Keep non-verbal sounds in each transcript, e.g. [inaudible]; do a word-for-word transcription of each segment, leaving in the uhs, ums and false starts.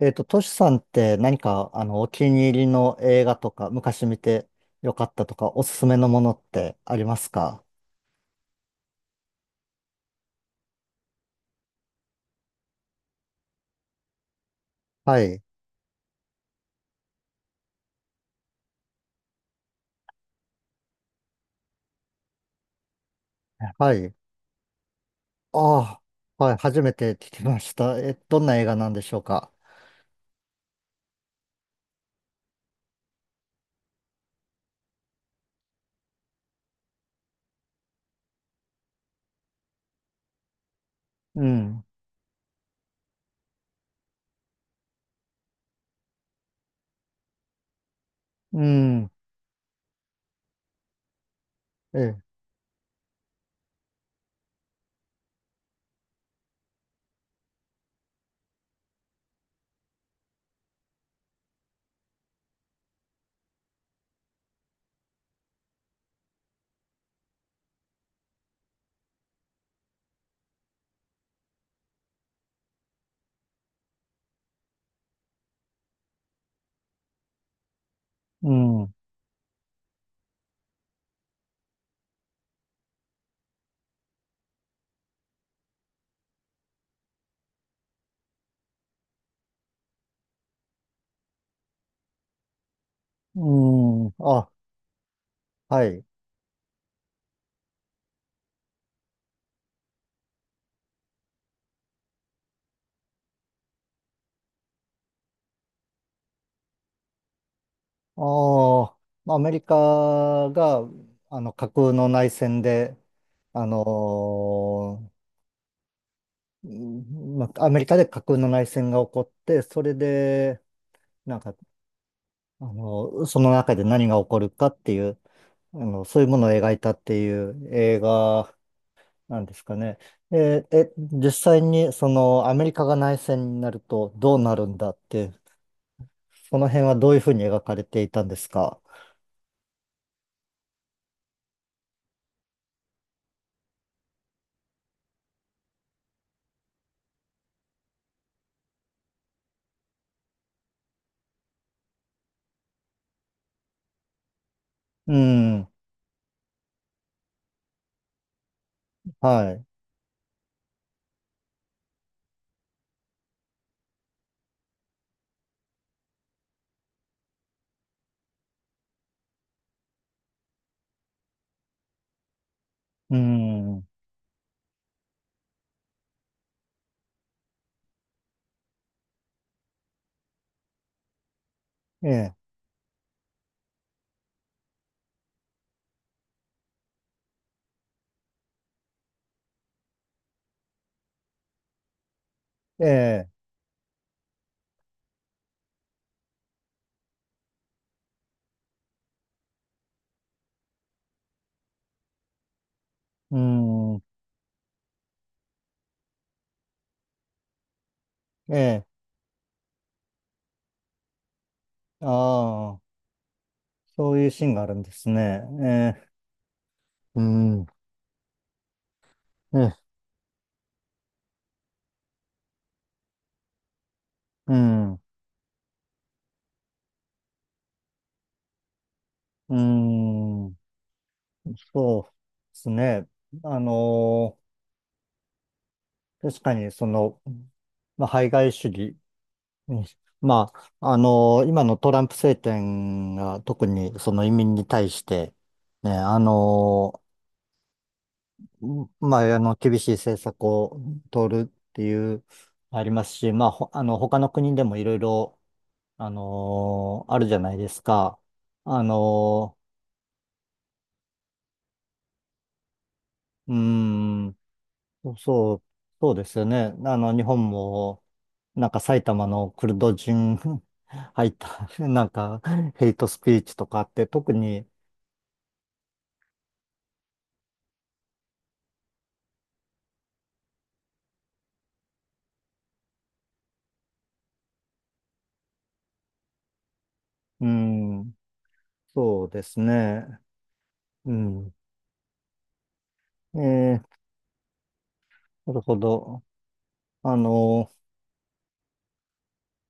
えっと、トシさんって何か、あの、お気に入りの映画とか、昔見てよかったとか、おすすめのものってありますか？はい。はい。ああ、はい。初めて聞きました。え、どんな映画なんでしょうか？うん。うん。え、うん。うん。あ、はい。ああ、まあアメリカが、あの、架空の内戦で、あのーうん、まあアメリカで架空の内戦が起こって、それで、なんか、あの、その中で何が起こるかっていう、あの、そういうものを描いたっていう映画なんですかね。えー、え、実際にそのアメリカが内戦になるとどうなるんだって、その辺はどういうふうに描かれていたんですか？うん、はい、うん、ええ、ええ、うん、ええ、ああ、そういうシーンがあるんですね。ええ、うん、ええ、うん、うん。そうですね。あのー確かにその、まあ、排外主義に、まあ、あのー今のトランプ政権が特にその移民に対して、ね、あのーまあ、あの、厳しい政策を取るっていう、ありますし、まあ、ほあの、他の国でもいろいろ、あのーあるじゃないですか。あのーうーん、そう、そうですよね。あの、日本も、なんか埼玉のクルド人 [laughs] 入った、[laughs] なんかヘイトスピーチとかあって、特に、うん、そうですね。うん。えー、なるほど。あの、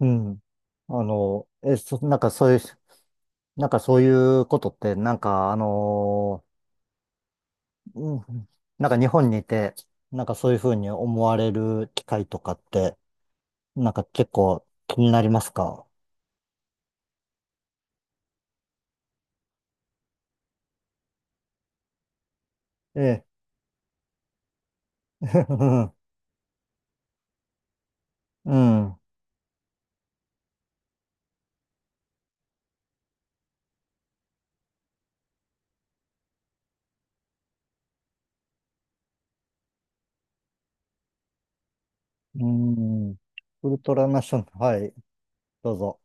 うん。あの、え、そ、なんかそういう、なんかそういうことって、なんかあの、うん、なんか日本にいて、なんかそういうふうに思われる機会とかって、なんか結構気になりますか？ええ。[laughs] うん。うーん。ウルトラナショナル、はい、どうぞ。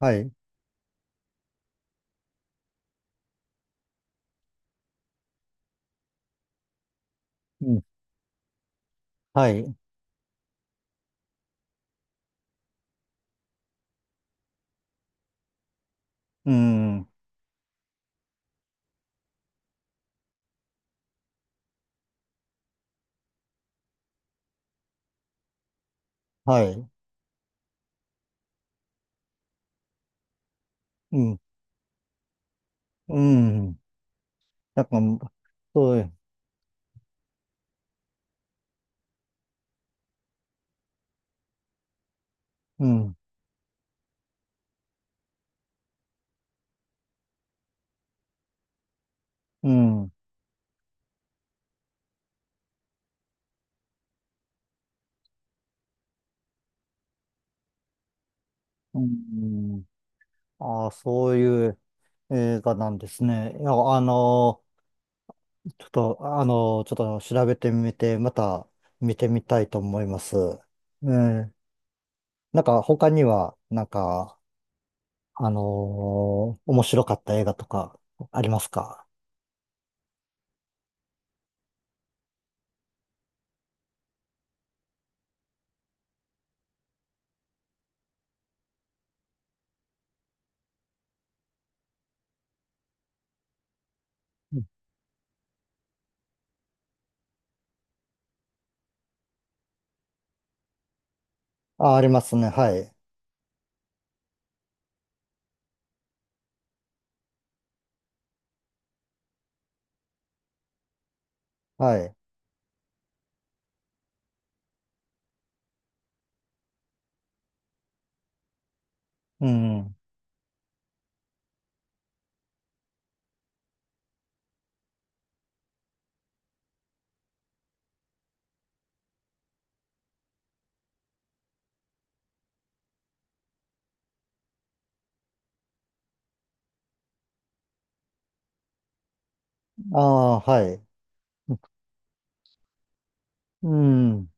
はい、うん、はい、うん、はい、うん、うん。なんか、そういう、うん、うん、うん。ああ、そういう映画なんですね。いや、あのー、ちょっと、あのー、ちょっと調べてみて、また見てみたいと思います。えーなんか、他には、なんか、あのー面白かった映画とかありますか？うん、あ、ありますね。はい。はい。うん。ああ、はい。うん。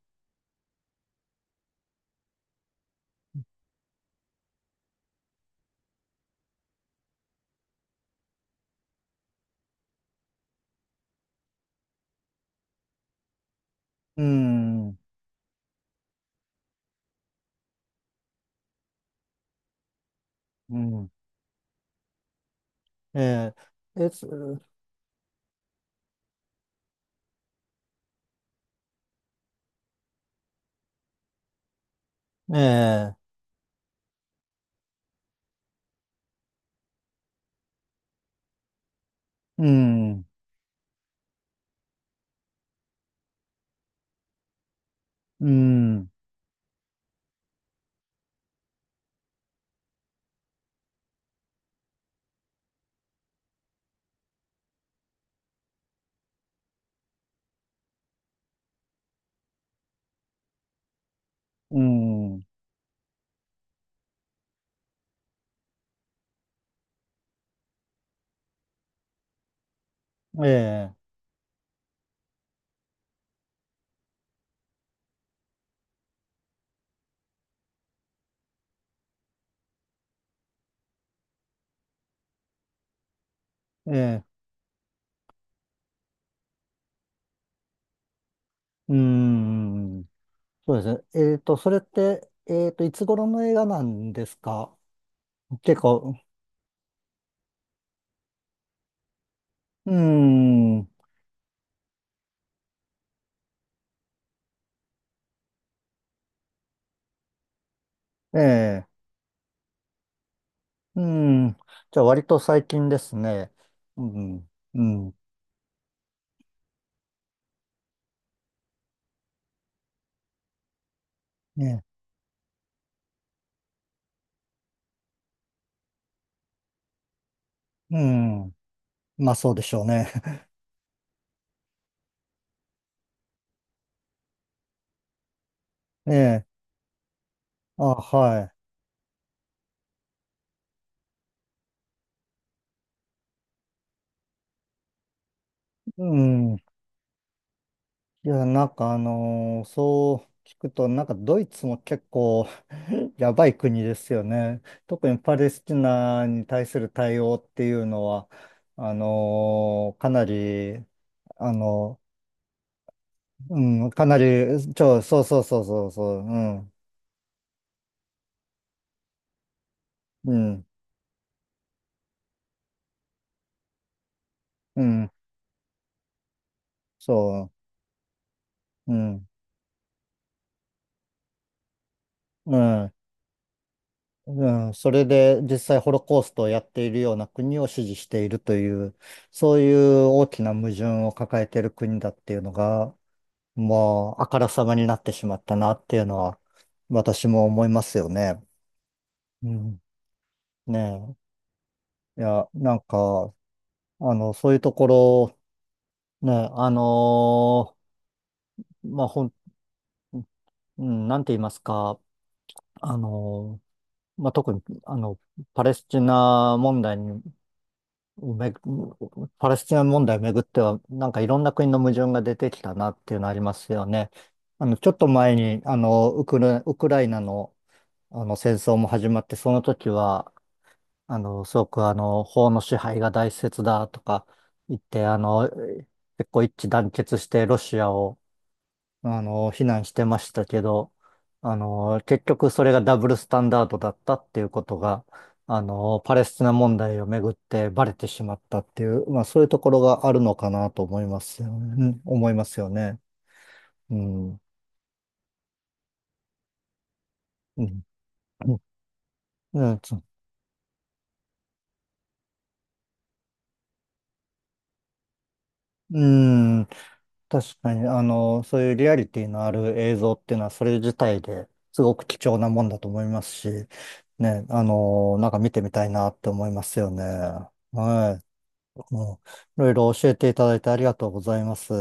うん。うん。えー、えつ、えー、うん。うん。うん。えー、えー、うん。そうですね。えっと、それって、えっと、いつ頃の映画なんですか？結構、うん。ええ、うん。じゃあ、割と最近ですね。うん。うん。ね、うん。まあ、そうでしょうね。[laughs] ええ、あ、はい。うん。いや、なんかあのーそう聞くと、なんかドイツも結構 [laughs] やばい国ですよね。特にパレスチナに対する対応っていうのは、あのーかなり、あの、うん、かなり、ちょ、そうそうそうそうそう、うん、うん、うん、そう、うん、うん。うん、それで実際ホロコーストをやっているような国を支持しているという、そういう大きな矛盾を抱えている国だっていうのが、もうあからさまになってしまったなっていうのは、私も思いますよね。うん。ねえ。いや、なんか、あの、そういうところ、ね、あのーまあ、ほん、うん、なんて言いますか、あのーまあ、特に、あの、パレスチナ問題にめ、パレスチナ問題をめぐっては、なんかいろんな国の矛盾が出てきたなっていうのありますよね。あの、ちょっと前に、あの、ウクラ、ウクライナの、あの戦争も始まって、その時は、あの、すごくあの、法の支配が大切だとか言って、あの、結構一致団結してロシアをあの、非難してましたけど、あの、結局それがダブルスタンダードだったっていうことが、あの、パレスチナ問題をめぐってバレてしまったっていう、まあそういうところがあるのかなと思いますよね。うん思いますよね。うん。うん。うん。そううん確かに、あの、そういうリアリティのある映像っていうのは、それ自体ですごく貴重なもんだと思いますし、ね、あの、なんか見てみたいなって思いますよね。はい。ういろいろ教えていただいてありがとうございます。